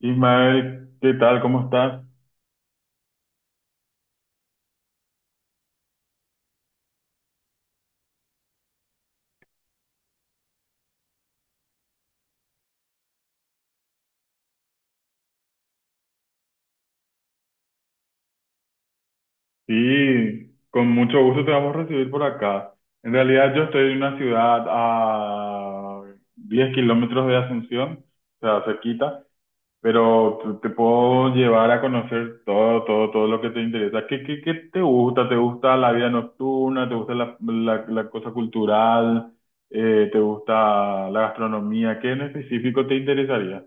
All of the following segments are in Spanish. Ismael, ¿qué tal? ¿Cómo estás? Sí, con mucho gusto te vamos a recibir por acá. En realidad yo estoy en una ciudad a 10 kilómetros de Asunción, o sea, cerquita, pero te puedo llevar a conocer todo, todo, todo lo que te interesa. ¿Qué te gusta? ¿Te gusta la vida nocturna? ¿Te gusta la cosa cultural? ¿Te gusta la gastronomía? ¿Qué en específico te interesaría?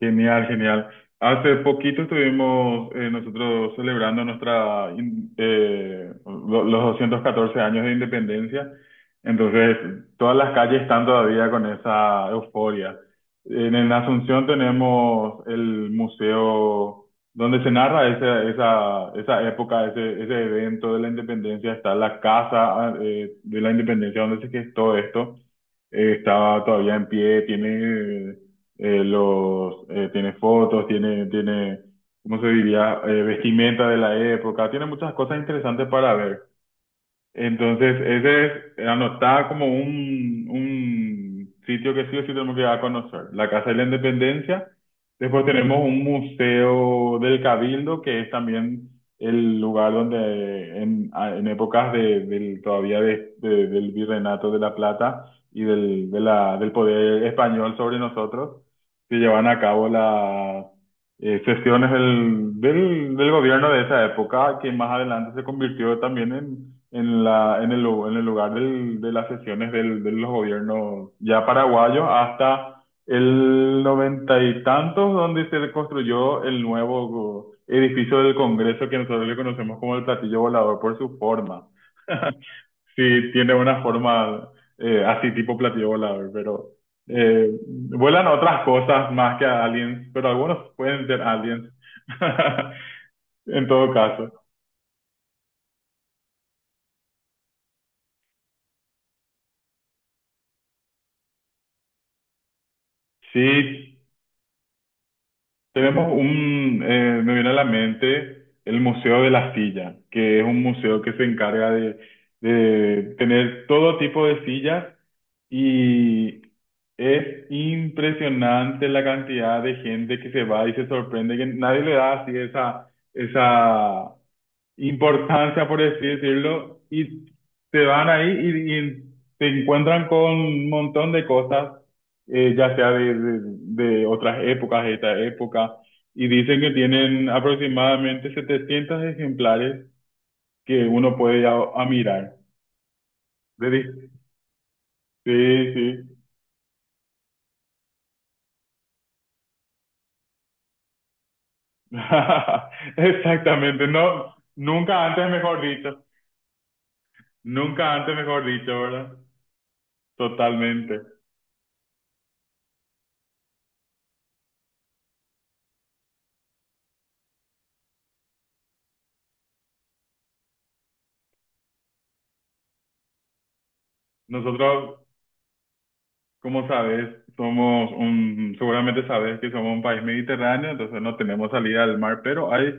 Genial, genial. Hace poquito estuvimos nosotros celebrando nuestra los 214 años de independencia. Entonces, todas las calles están todavía con esa euforia. En Asunción tenemos el museo donde se narra esa época, ese evento de la independencia. Está la casa de la independencia donde se gestó esto. Estaba todavía en pie, tiene fotos, ¿Cómo se diría? Vestimenta de la época, tiene muchas cosas interesantes para ver. Entonces, ese es, anotaba como un sitio que sí o sí tenemos que ir a conocer, la Casa de la Independencia. Después tenemos un museo del Cabildo, que es también el lugar donde en épocas todavía del virreinato de La Plata y del poder español sobre nosotros, se llevan a cabo las sesiones del gobierno de esa época, que más adelante se convirtió también en la, en el, lu- en el lugar de las sesiones de los gobiernos ya paraguayos hasta el noventa y tantos, donde se construyó el nuevo edificio del Congreso que nosotros le conocemos como el platillo volador por su forma. Sí, tiene una forma así tipo platillo volador, pero eh, vuelan otras cosas más que aliens, pero algunos pueden ser aliens en todo caso. Sí, me viene a la mente el Museo de la Silla, que es un museo que se encarga de tener todo tipo de sillas y es impresionante la cantidad de gente que se va y se sorprende que nadie le da así esa importancia, por así decirlo, y se van ahí y te encuentran con un montón de cosas, ya sea de otras épocas, de esta época, y dicen que tienen aproximadamente 700 ejemplares que uno puede ir a mirar. De dis- Sí, sí. Exactamente, no, nunca antes mejor dicho, nunca antes mejor dicho, ¿verdad? Totalmente. Nosotros Como sabes, seguramente sabes que somos un país mediterráneo, entonces no tenemos salida al mar, pero hay,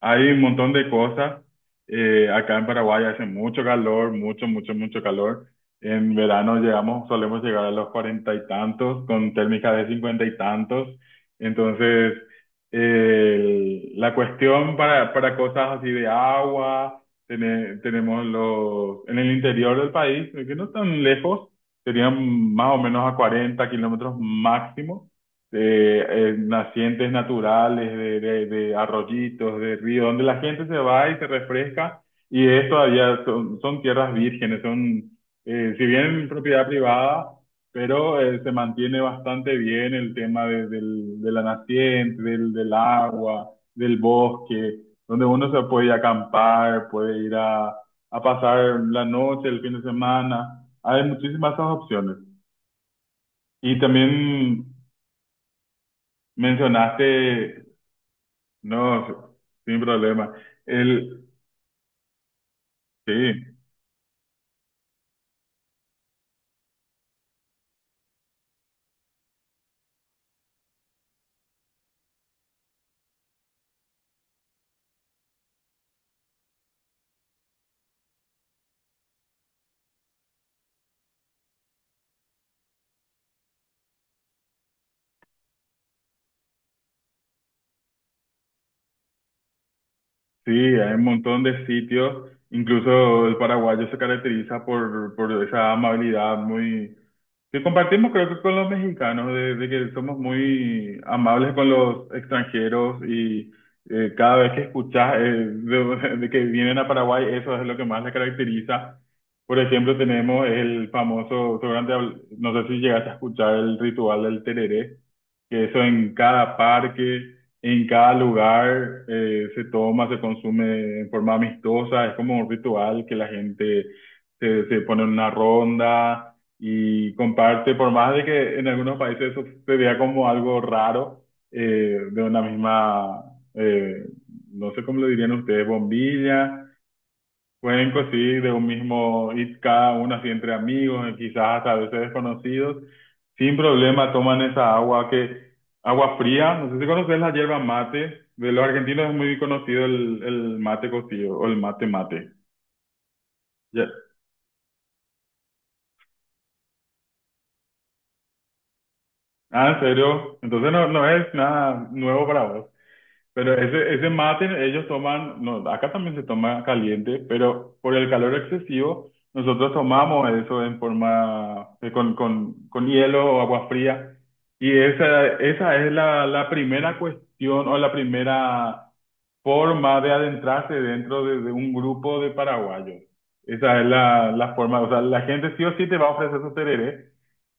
hay un montón de cosas. Acá en Paraguay hace mucho calor, mucho, mucho, mucho calor. En verano solemos llegar a los cuarenta y tantos, con térmicas de cincuenta y tantos. Entonces, la cuestión para cosas así de agua, tenemos en el interior del país, que no tan lejos serían más o menos a 40 kilómetros máximo, de nacientes naturales, de arroyitos, de ríos, donde la gente se va y se refresca, y son tierras vírgenes, son, si bien propiedad privada, pero se mantiene bastante bien el tema de la naciente, del agua, del bosque, donde uno se puede ir a acampar, puede ir a pasar la noche, el fin de semana. Hay muchísimas esas opciones. Y también mencionaste, no, sin problema, el, sí, sí, hay un montón de sitios, incluso el paraguayo se caracteriza por esa amabilidad muy, que compartimos creo que con los mexicanos, de que somos muy amables con los extranjeros y cada vez que escuchas de que vienen a Paraguay, eso es lo que más les caracteriza. Por ejemplo, tenemos el famoso, seguramente no sé si llegaste a escuchar el ritual del tereré, que eso en cada parque, en cada lugar se toma, se consume en forma amistosa, es como un ritual que la gente se pone en una ronda y comparte, por más de que en algunos países eso se vea como algo raro, de una misma, eh, no sé cómo lo dirían ustedes, bombilla, cuenco, sí, de un mismo hit cada uno así entre amigos, y quizás hasta a veces desconocidos, sin problema toman esa agua que, agua fría, no sé si conoces la hierba mate, de los argentinos es muy conocido el mate cocido o el mate mate. Ya. Ah, en serio, entonces no, no es nada nuevo para vos. Pero ese mate ellos toman, no, acá también se toma caliente, pero por el calor excesivo nosotros tomamos eso en forma, con hielo o agua fría. Y esa es la primera cuestión o la primera forma de adentrarse dentro de un grupo de paraguayos. Esa es la forma, o sea, la gente sí o sí te va a ofrecer su tereré.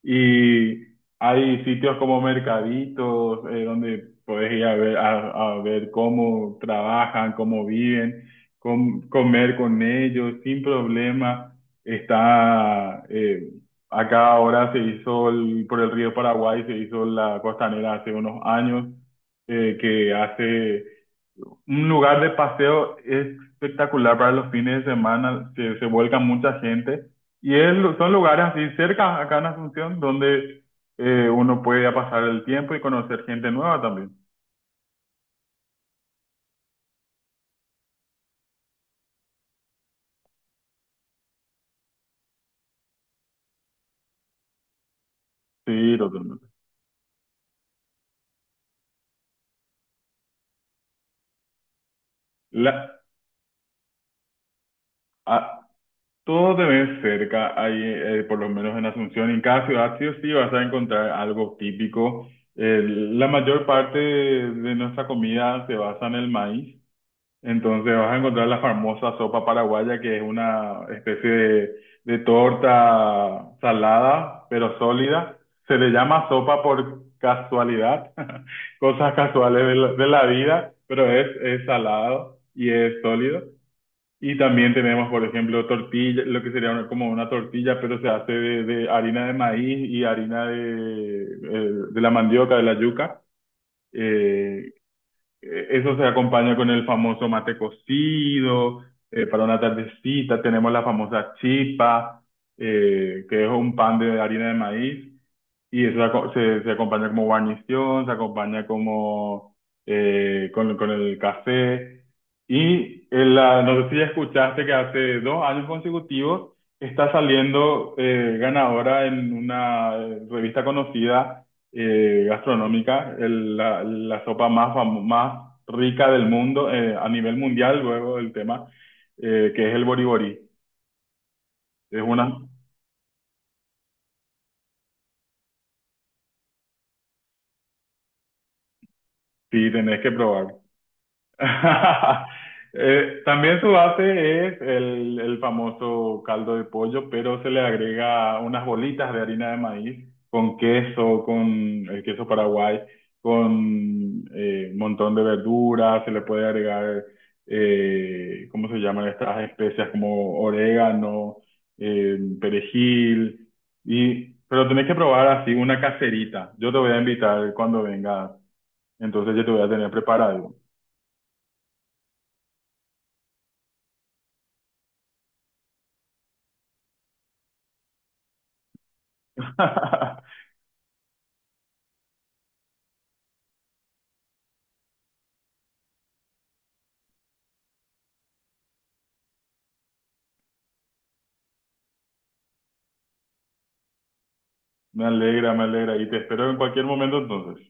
Y hay sitios como mercaditos, donde puedes ir a ver, a ver cómo trabajan, cómo viven, comer con ellos sin problema. Está, eh, Acá ahora se hizo por el río Paraguay, se hizo la costanera hace unos años, que hace un lugar de paseo espectacular para los fines de semana, que se vuelca mucha gente. Y es son lugares así cerca, acá en Asunción, donde uno puede ya pasar el tiempo y conocer gente nueva también. Sí, totalmente. La, a- Todo te ves cerca, ahí, por lo menos en Asunción. En cada ciudad sí o sí vas a encontrar algo típico. La mayor parte de nuestra comida se basa en el maíz. Entonces vas a encontrar la famosa sopa paraguaya, que es una especie de torta salada, pero sólida. Se le llama sopa por casualidad, cosas casuales de la vida, pero es salado y es sólido. Y también tenemos, por ejemplo, tortilla, lo que sería como una tortilla, pero se hace de harina de maíz y harina de la mandioca, de la yuca. Eh, Eso se acompaña con el famoso mate cocido, para una tardecita tenemos la famosa chipa, que es un pan de harina de maíz, y eso se acompaña como guarnición, se acompaña como con el café. Y no sé si ya escuchaste que hace 2 años consecutivos está saliendo ganadora en una revista conocida gastronómica, la sopa más rica del mundo a nivel mundial, luego el tema, que es el boriborí. Es una, sí, tenés que probar. También su base es el famoso caldo de pollo, pero se le agrega unas bolitas de harina de maíz con queso, con el queso paraguay, con un montón de verduras, se le puede agregar, ¿cómo se llaman estas especias? Como orégano, perejil, pero tenés que probar así una caserita. Yo te voy a invitar cuando vengas, entonces yo te voy a tener preparado. Me alegra, me alegra. Y te espero en cualquier momento entonces.